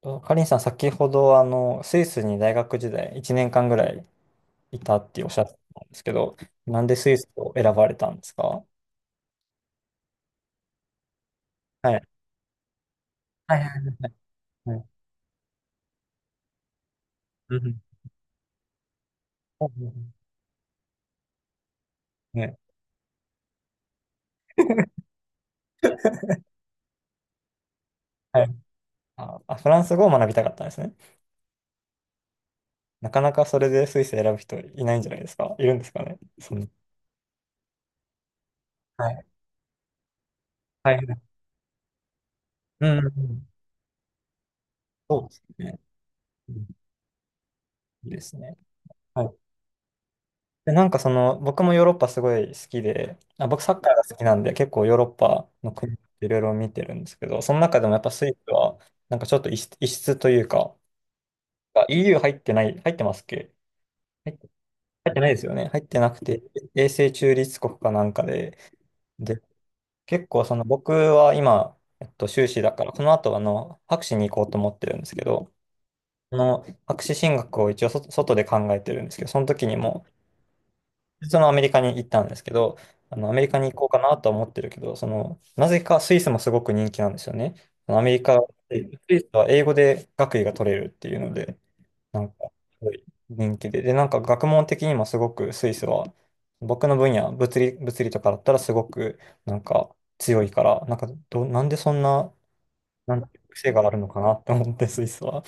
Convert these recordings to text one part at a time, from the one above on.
とかりんさん、先ほど、スイスに大学時代1年間ぐらいいたっておっしゃってたんですけど、なんでスイスを選ばれたんですか？はい。はいはいはい。うんうん。ね。 はい。あ、フランス語を学びたかったんですね。なかなかそれでスイス選ぶ人いないんじゃないですか？いるんですかね？はい。はいはい。うんうんうん。そうですね。うん。いいですね。はい。で、なんかその、僕もヨーロッパすごい好きで、あ、僕サッカーが好きなんで、結構ヨーロッパの国いろいろ見てるんですけど、その中でもやっぱスイスは、なんかちょっと異質、異質というか、あ、 EU 入ってない、入ってますっけ？入って入ってないですよね。入ってなくて、永世中立国かなんかで、で、結構その僕は今、修士だから、この後博士に行こうと思ってるんですけど、その博士進学を一応外で考えてるんですけど、その時にも、そのアメリカに行ったんですけど、アメリカに行こうかなとは思ってるけど、その、なぜかスイスもすごく人気なんですよね。そのアメリカ、スイスは英語で学位が取れるっていうので、なんか、すごい人気で。で、なんか学問的にもすごくスイスは、僕の分野、物理とかだったらすごく、なんか強いから、なんかなんでそんな、なんていう癖があるのかなって思って、スイスは。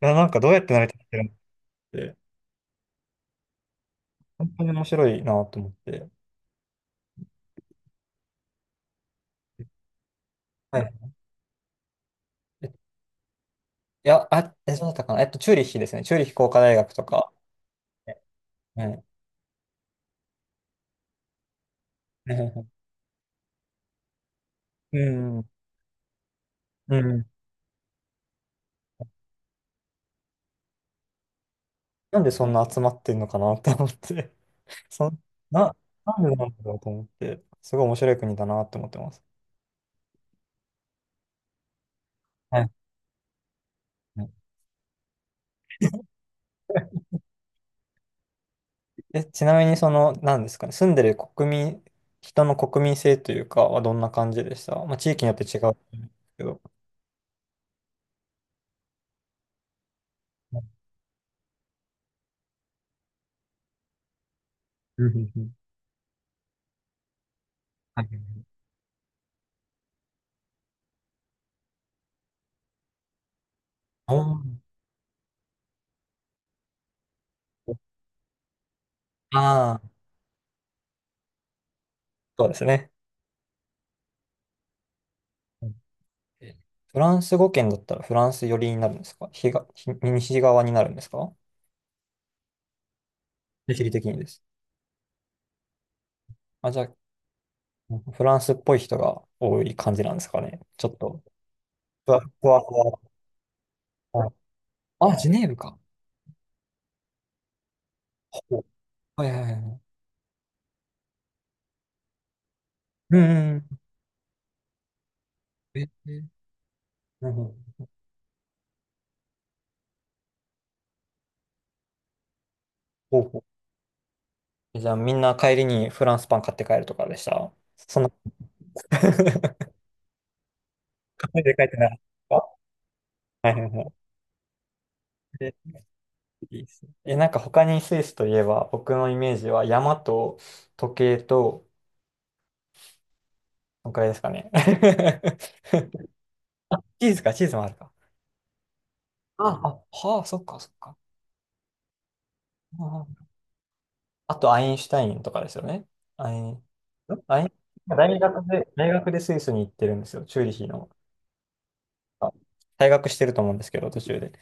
いや、なんかどうやって成り立ってるのって、本当に面白いなと思って。はい。いや、そうだったかな。チューリッヒですね。チューリッヒ工科大学とか。はい。うん。うん。なんでそんな集まってんのかなと思って。そん、な、なんでなんだろうと思って。すごい面白い国だなって思ってます。はいはい。え、ちなみにその、なんですかね。住んでる国民、人の国民性というかはどんな感じでした？まあ、地域によって違うと思うんですけど。うんうんうん。はいはい。あー。あー、そうですね。え、フランス語圏だったらフランス寄りになるんですか？東、西側になるんですか？地理的にです。あ、じゃあ、フランスっぽい人が多い感じなんですかね。ちょっと、ふわふわふわ。あ、ジュネーブか。ほう。はいはいはいはい。うんうん。え、え、なるほど。ほうほう。じゃあ、みんな帰りにフランスパン買って帰るとかでした。そんな、帰ってなかった？はいはいはい。え、いいですね。え、なんか他にスイスといえば、僕のイメージは山と時計と、そんくらいですかね。あ、チーズか、チーズもあるか。あ、あ、はあ、そっか、そっか。ああ。あと、アインシュタインとかですよね。アイン、んアイン、大学でスイスに行ってるんですよ。チューリヒの。退学してると思うんですけど、途中で。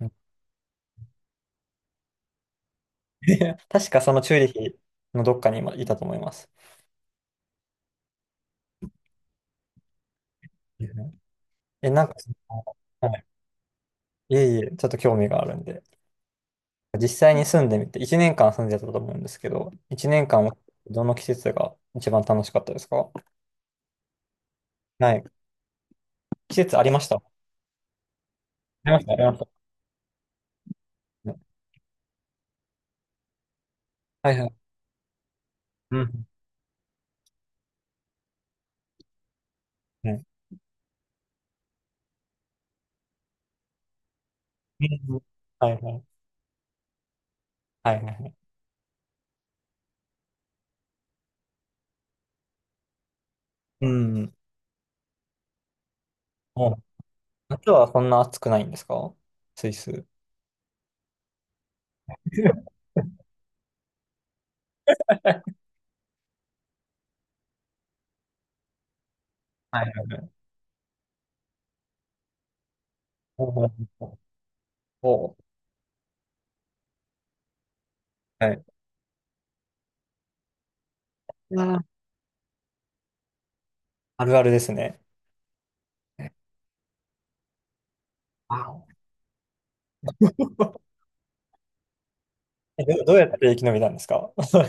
うん。 確かそのチューリヒのどっかに今いたと思います。うん。え、なんかその、はい、いえいえ、ちょっと興味があるんで。実際に住んでみて、1年間住んでたと思うんですけど、1年間、どの季節が一番楽しかったですか？はい。季節ありました。ありました、ありました。はいはい。うん。うん。うん。はいはい。はいはいはい。うん。もう、夏はそんな暑くないんですか？スイス。はいはいはい。おお。おー。はい。うわー。あるあるですね。あお。 え、どうやって生き延びたんですか？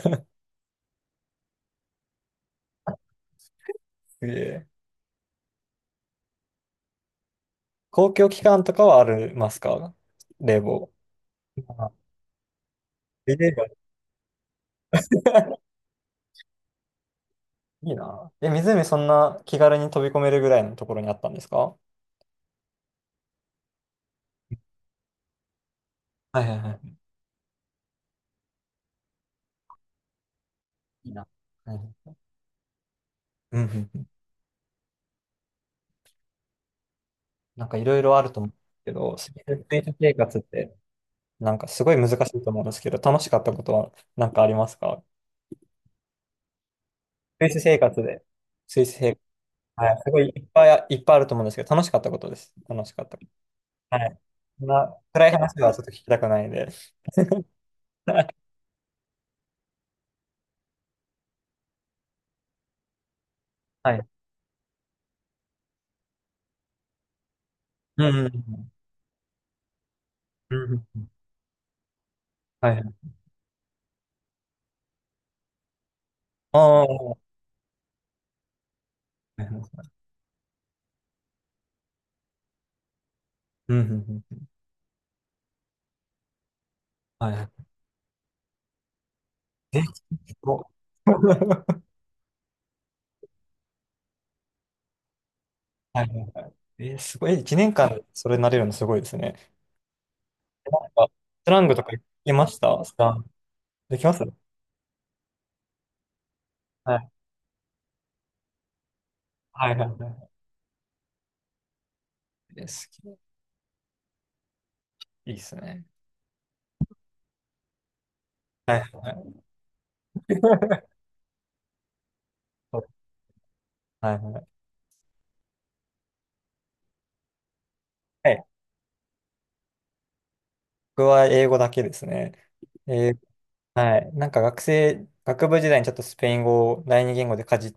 すげえ。公共機関とかはありますか？冷房。あ、冷房。 いいな。え、湖そんな気軽に飛び込めるぐらいのところにあったんですか？はいはいはい。いいな。はい。うんうんうん。なんかいろいろあると思うんですけど、スイス生活って、なんかすごい難しいと思うんですけど、楽しかったことはなんかありますか？スイス生活で。スイス生活。はい、すごいいっぱいあると思うんですけど、楽しかったことです。楽しかったこと。はい。そんな暗い話はちょっと聞きたくないんで。はい。うんうんうん。うんうんうん。はいはい。ああ。はいはい。うんうんうん。はいはい。え、すごい。はいはいはい。え、すごい。1年間それになれるのすごいですね。なんか、スラングとか言ってました？スラング。できます？はい。はいはいはい。です。いいですね。はいはいはい。そう。はいはい。はい。僕は英語だけですね。えー。はい。なんか学生、学部時代にちょっとスペイン語を第二言語で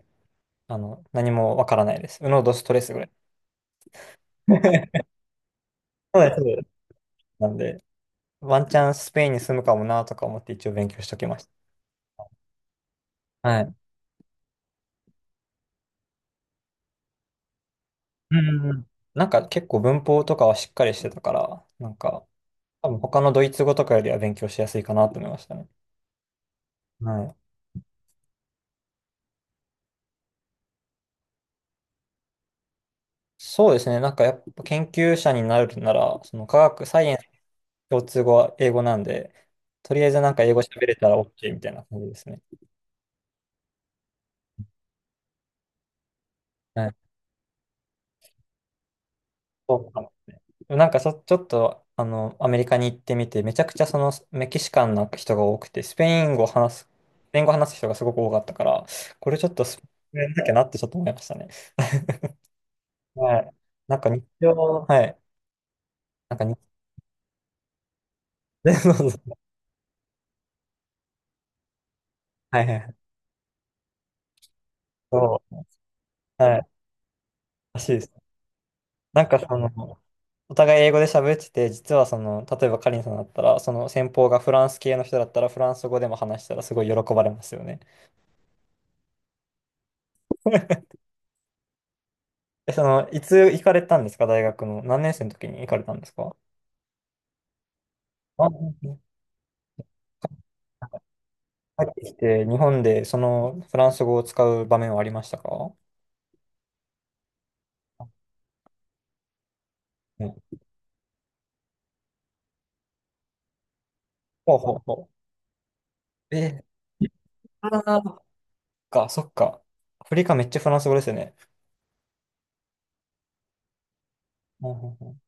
何もわからないです。ウノドストレスぐらい。そうです。そうです。なんで、ワンチャンスペインに住むかもなとか思って一応勉強しときました。はい。うんうんうん。なんか結構文法とかはしっかりしてたから、なんか、多分他のドイツ語とかよりは勉強しやすいかなと思いましたね。はい。そうですね。なんかやっぱ研究者になるなら、その科学、サイエンス共通語は英語なんで、とりあえずなんか英語喋れたら OK みたいな感じですね。はい。そうかもね。なんかそ、ちょっと、アメリカに行ってみて、めちゃくちゃそのメキシカンな人が多くて、スペイン語話す人がすごく多かったから、これちょっとスペイン語やんなきゃなってちょっと思いましたね。はい。なんか日常、はい。なんか日。 はいはいはい。そう、はい、らしいです。なんかその、お互い英語で喋ってて、実はその、例えばカリンさんだったら、その先方がフランス系の人だったら、フランス語でも話したらすごい喜ばれますよね。え、その、いつ行かれたんですか？大学の。何年生の時に行かれたんですか？あ、うんうん。帰ってきて、日本でそのフランス語を使う場面はありましたか？うん。ほうほうほう。えー、ああ、そっか、そっか。アフリカめっちゃフランス語ですよね。うんうんうん